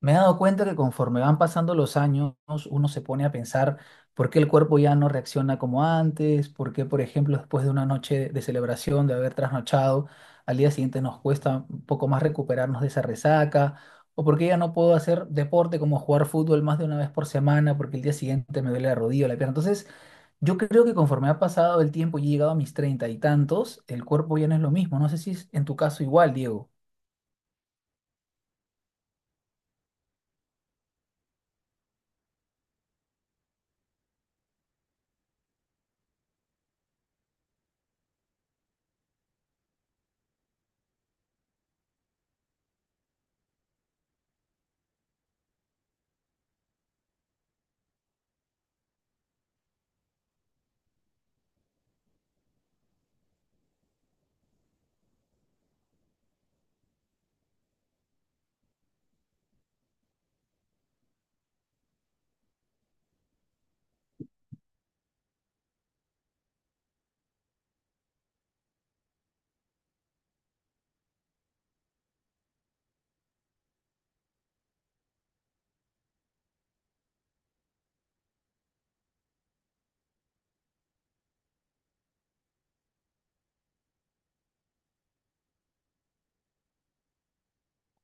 Me he dado cuenta que conforme van pasando los años, uno se pone a pensar por qué el cuerpo ya no reacciona como antes, por qué, por ejemplo, después de una noche de celebración, de haber trasnochado, al día siguiente nos cuesta un poco más recuperarnos de esa resaca, o por qué ya no puedo hacer deporte como jugar fútbol más de una vez por semana, porque el día siguiente me duele la rodilla o la pierna. Entonces, yo creo que conforme ha pasado el tiempo y he llegado a mis 30 y tantos, el cuerpo ya no es lo mismo. No sé si es en tu caso igual, Diego.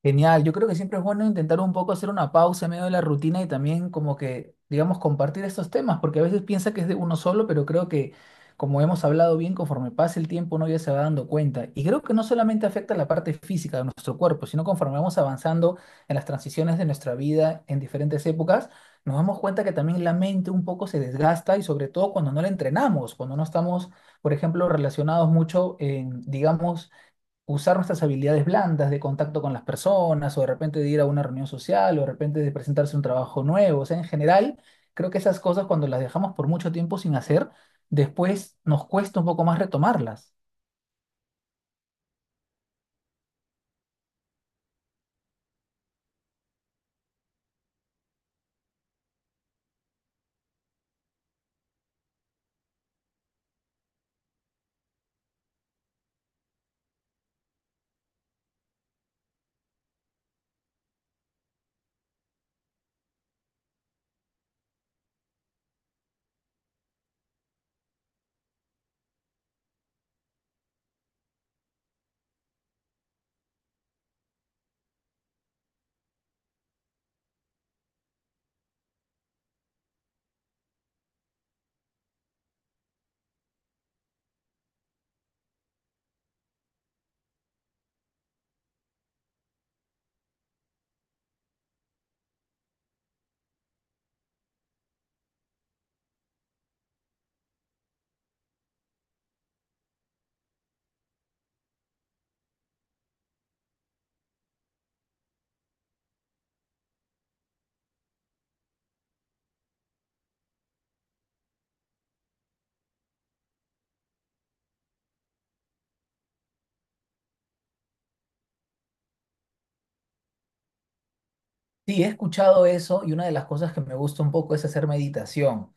Genial, yo creo que siempre es bueno intentar un poco hacer una pausa en medio de la rutina y también como que, digamos, compartir estos temas, porque a veces piensa que es de uno solo, pero creo que como hemos hablado bien, conforme pasa el tiempo uno ya se va dando cuenta. Y creo que no solamente afecta la parte física de nuestro cuerpo, sino conforme vamos avanzando en las transiciones de nuestra vida en diferentes épocas, nos damos cuenta que también la mente un poco se desgasta y sobre todo cuando no la entrenamos, cuando no estamos, por ejemplo, relacionados mucho en, digamos, usar nuestras habilidades blandas de contacto con las personas, o de repente de ir a una reunión social, o de repente de presentarse un trabajo nuevo. O sea, en general, creo que esas cosas cuando las dejamos por mucho tiempo sin hacer, después nos cuesta un poco más retomarlas. Sí, he escuchado eso y una de las cosas que me gusta un poco es hacer meditación.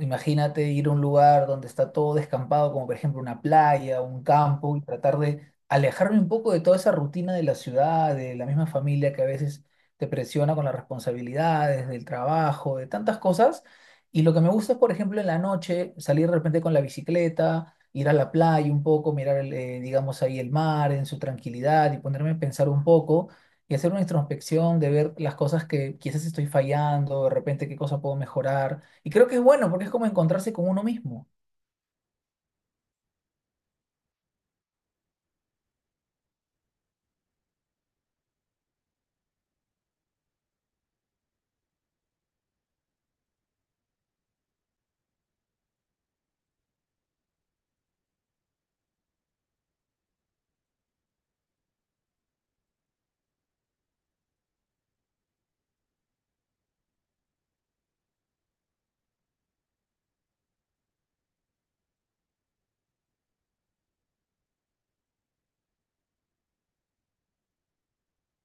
Imagínate ir a un lugar donde está todo descampado, como por ejemplo una playa, un campo, y tratar de alejarme un poco de toda esa rutina de la ciudad, de la misma familia que a veces te presiona con las responsabilidades, del trabajo, de tantas cosas. Y lo que me gusta es, por ejemplo, en la noche salir de repente con la bicicleta, ir a la playa un poco, mirar, digamos, ahí el mar en su tranquilidad y ponerme a pensar un poco y hacer una introspección de ver las cosas que quizás estoy fallando, de repente qué cosa puedo mejorar y creo que es bueno porque es como encontrarse con uno mismo.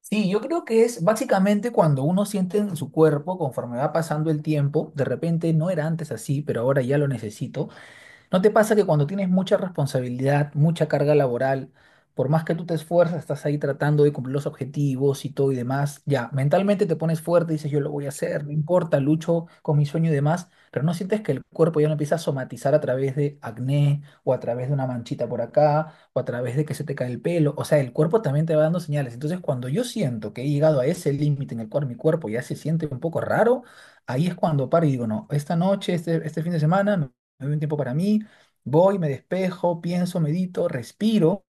Sí, yo creo que es básicamente cuando uno siente en su cuerpo, conforme va pasando el tiempo, de repente no era antes así, pero ahora ya lo necesito. ¿No te pasa que cuando tienes mucha responsabilidad, mucha carga laboral, por más que tú te esfuerzas, estás ahí tratando de cumplir los objetivos y todo y demás, ya, mentalmente te pones fuerte, dices yo lo voy a hacer, no importa, lucho con mi sueño y demás, pero no sientes que el cuerpo ya no empieza a somatizar a través de acné o a través de una manchita por acá o a través de que se te cae el pelo, o sea, el cuerpo también te va dando señales. Entonces, cuando yo siento que he llegado a ese límite en el cual mi cuerpo ya se siente un poco raro, ahí es cuando paro y digo, no, esta noche, este fin de semana, me doy un tiempo para mí. Voy, me despejo, pienso, medito, respiro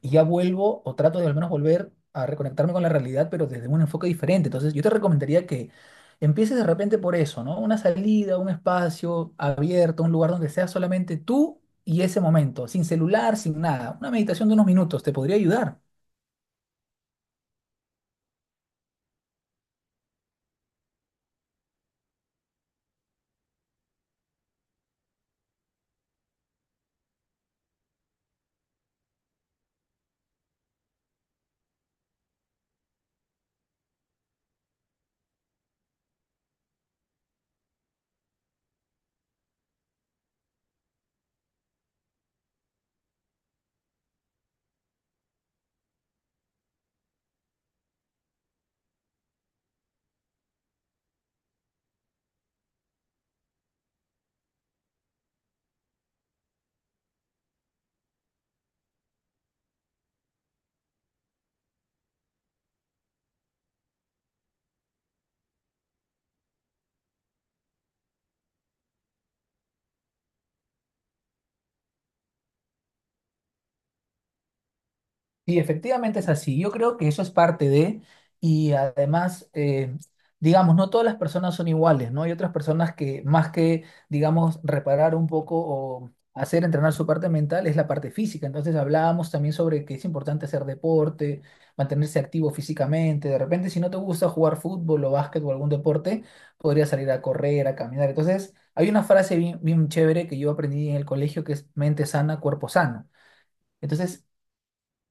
y ya vuelvo o trato de al menos volver a reconectarme con la realidad, pero desde un enfoque diferente. Entonces, yo te recomendaría que empieces de repente por eso, ¿no? Una salida, un espacio abierto, un lugar donde seas solamente tú y ese momento, sin celular, sin nada. Una meditación de unos minutos te podría ayudar. Y efectivamente es así. Yo creo que eso es parte de, y además, digamos, no todas las personas son iguales, ¿no? Hay otras personas que más que, digamos, reparar un poco o hacer entrenar su parte mental es la parte física. Entonces hablábamos también sobre que es importante hacer deporte, mantenerse activo físicamente. De repente, si no te gusta jugar fútbol o básquet o algún deporte, podrías salir a correr, a caminar. Entonces, hay una frase bien, bien chévere que yo aprendí en el colegio que es mente sana, cuerpo sano. Entonces,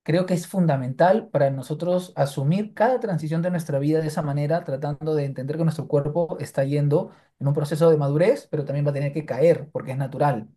creo que es fundamental para nosotros asumir cada transición de nuestra vida de esa manera, tratando de entender que nuestro cuerpo está yendo en un proceso de madurez, pero también va a tener que caer porque es natural.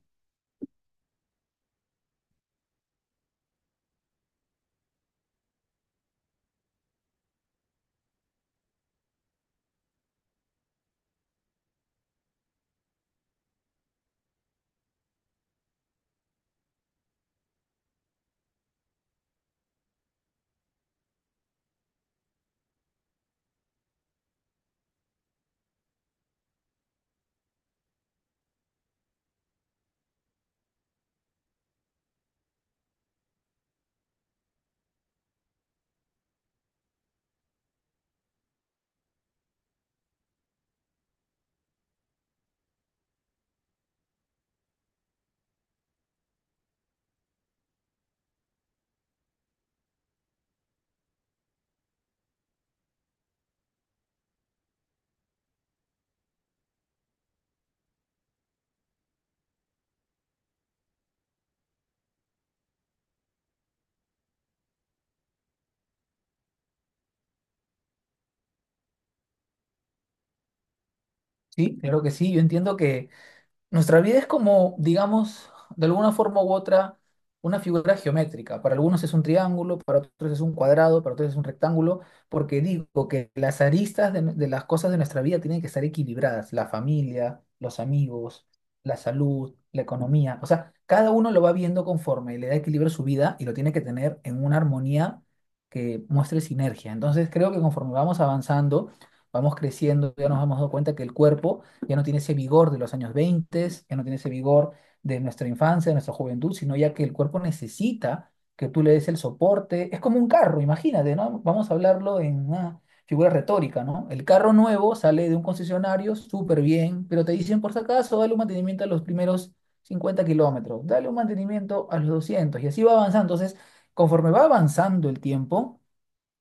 Sí, claro que sí. Yo entiendo que nuestra vida es como, digamos, de alguna forma u otra, una figura geométrica. Para algunos es un triángulo, para otros es un cuadrado, para otros es un rectángulo, porque digo que las aristas de las cosas de nuestra vida tienen que estar equilibradas. La familia, los amigos, la salud, la economía. O sea, cada uno lo va viendo conforme le da equilibrio a su vida y lo tiene que tener en una armonía que muestre sinergia. Entonces, creo que conforme vamos avanzando, vamos creciendo, ya nos hemos dado cuenta que el cuerpo ya no tiene ese vigor de los años 20, ya no tiene ese vigor de nuestra infancia, de nuestra juventud, sino ya que el cuerpo necesita que tú le des el soporte. Es como un carro, imagínate, ¿no? Vamos a hablarlo en una figura retórica, ¿no? El carro nuevo sale de un concesionario súper bien, pero te dicen, por si acaso, dale un mantenimiento a los primeros 50 kilómetros, dale un mantenimiento a los 200, y así va avanzando. Entonces, conforme va avanzando el tiempo,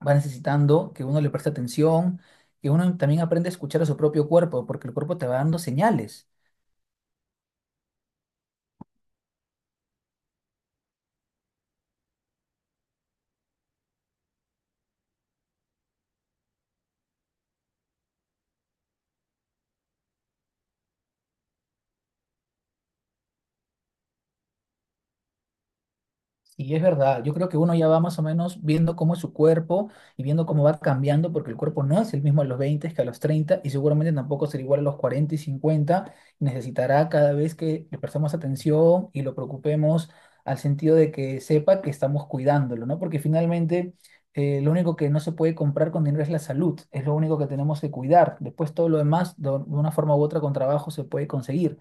va necesitando que uno le preste atención, que uno también aprenda a escuchar a su propio cuerpo, porque el cuerpo te va dando señales. Sí es verdad, yo creo que uno ya va más o menos viendo cómo es su cuerpo y viendo cómo va cambiando, porque el cuerpo no es el mismo a los 20 que a los 30 y seguramente tampoco será igual a los 40 y 50. Necesitará cada vez que le prestemos atención y lo preocupemos al sentido de que sepa que estamos cuidándolo, ¿no? Porque finalmente lo único que no se puede comprar con dinero es la salud, es lo único que tenemos que cuidar. Después todo lo demás, de una forma u otra, con trabajo se puede conseguir.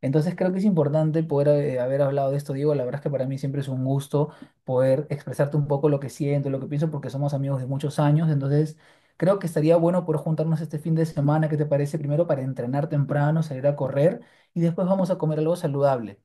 Entonces creo que es importante poder haber hablado de esto, Diego. La verdad es que para mí siempre es un gusto poder expresarte un poco lo que siento, lo que pienso, porque somos amigos de muchos años. Entonces creo que estaría bueno poder juntarnos este fin de semana, ¿qué te parece? Primero para entrenar temprano, salir a correr y después vamos a comer algo saludable.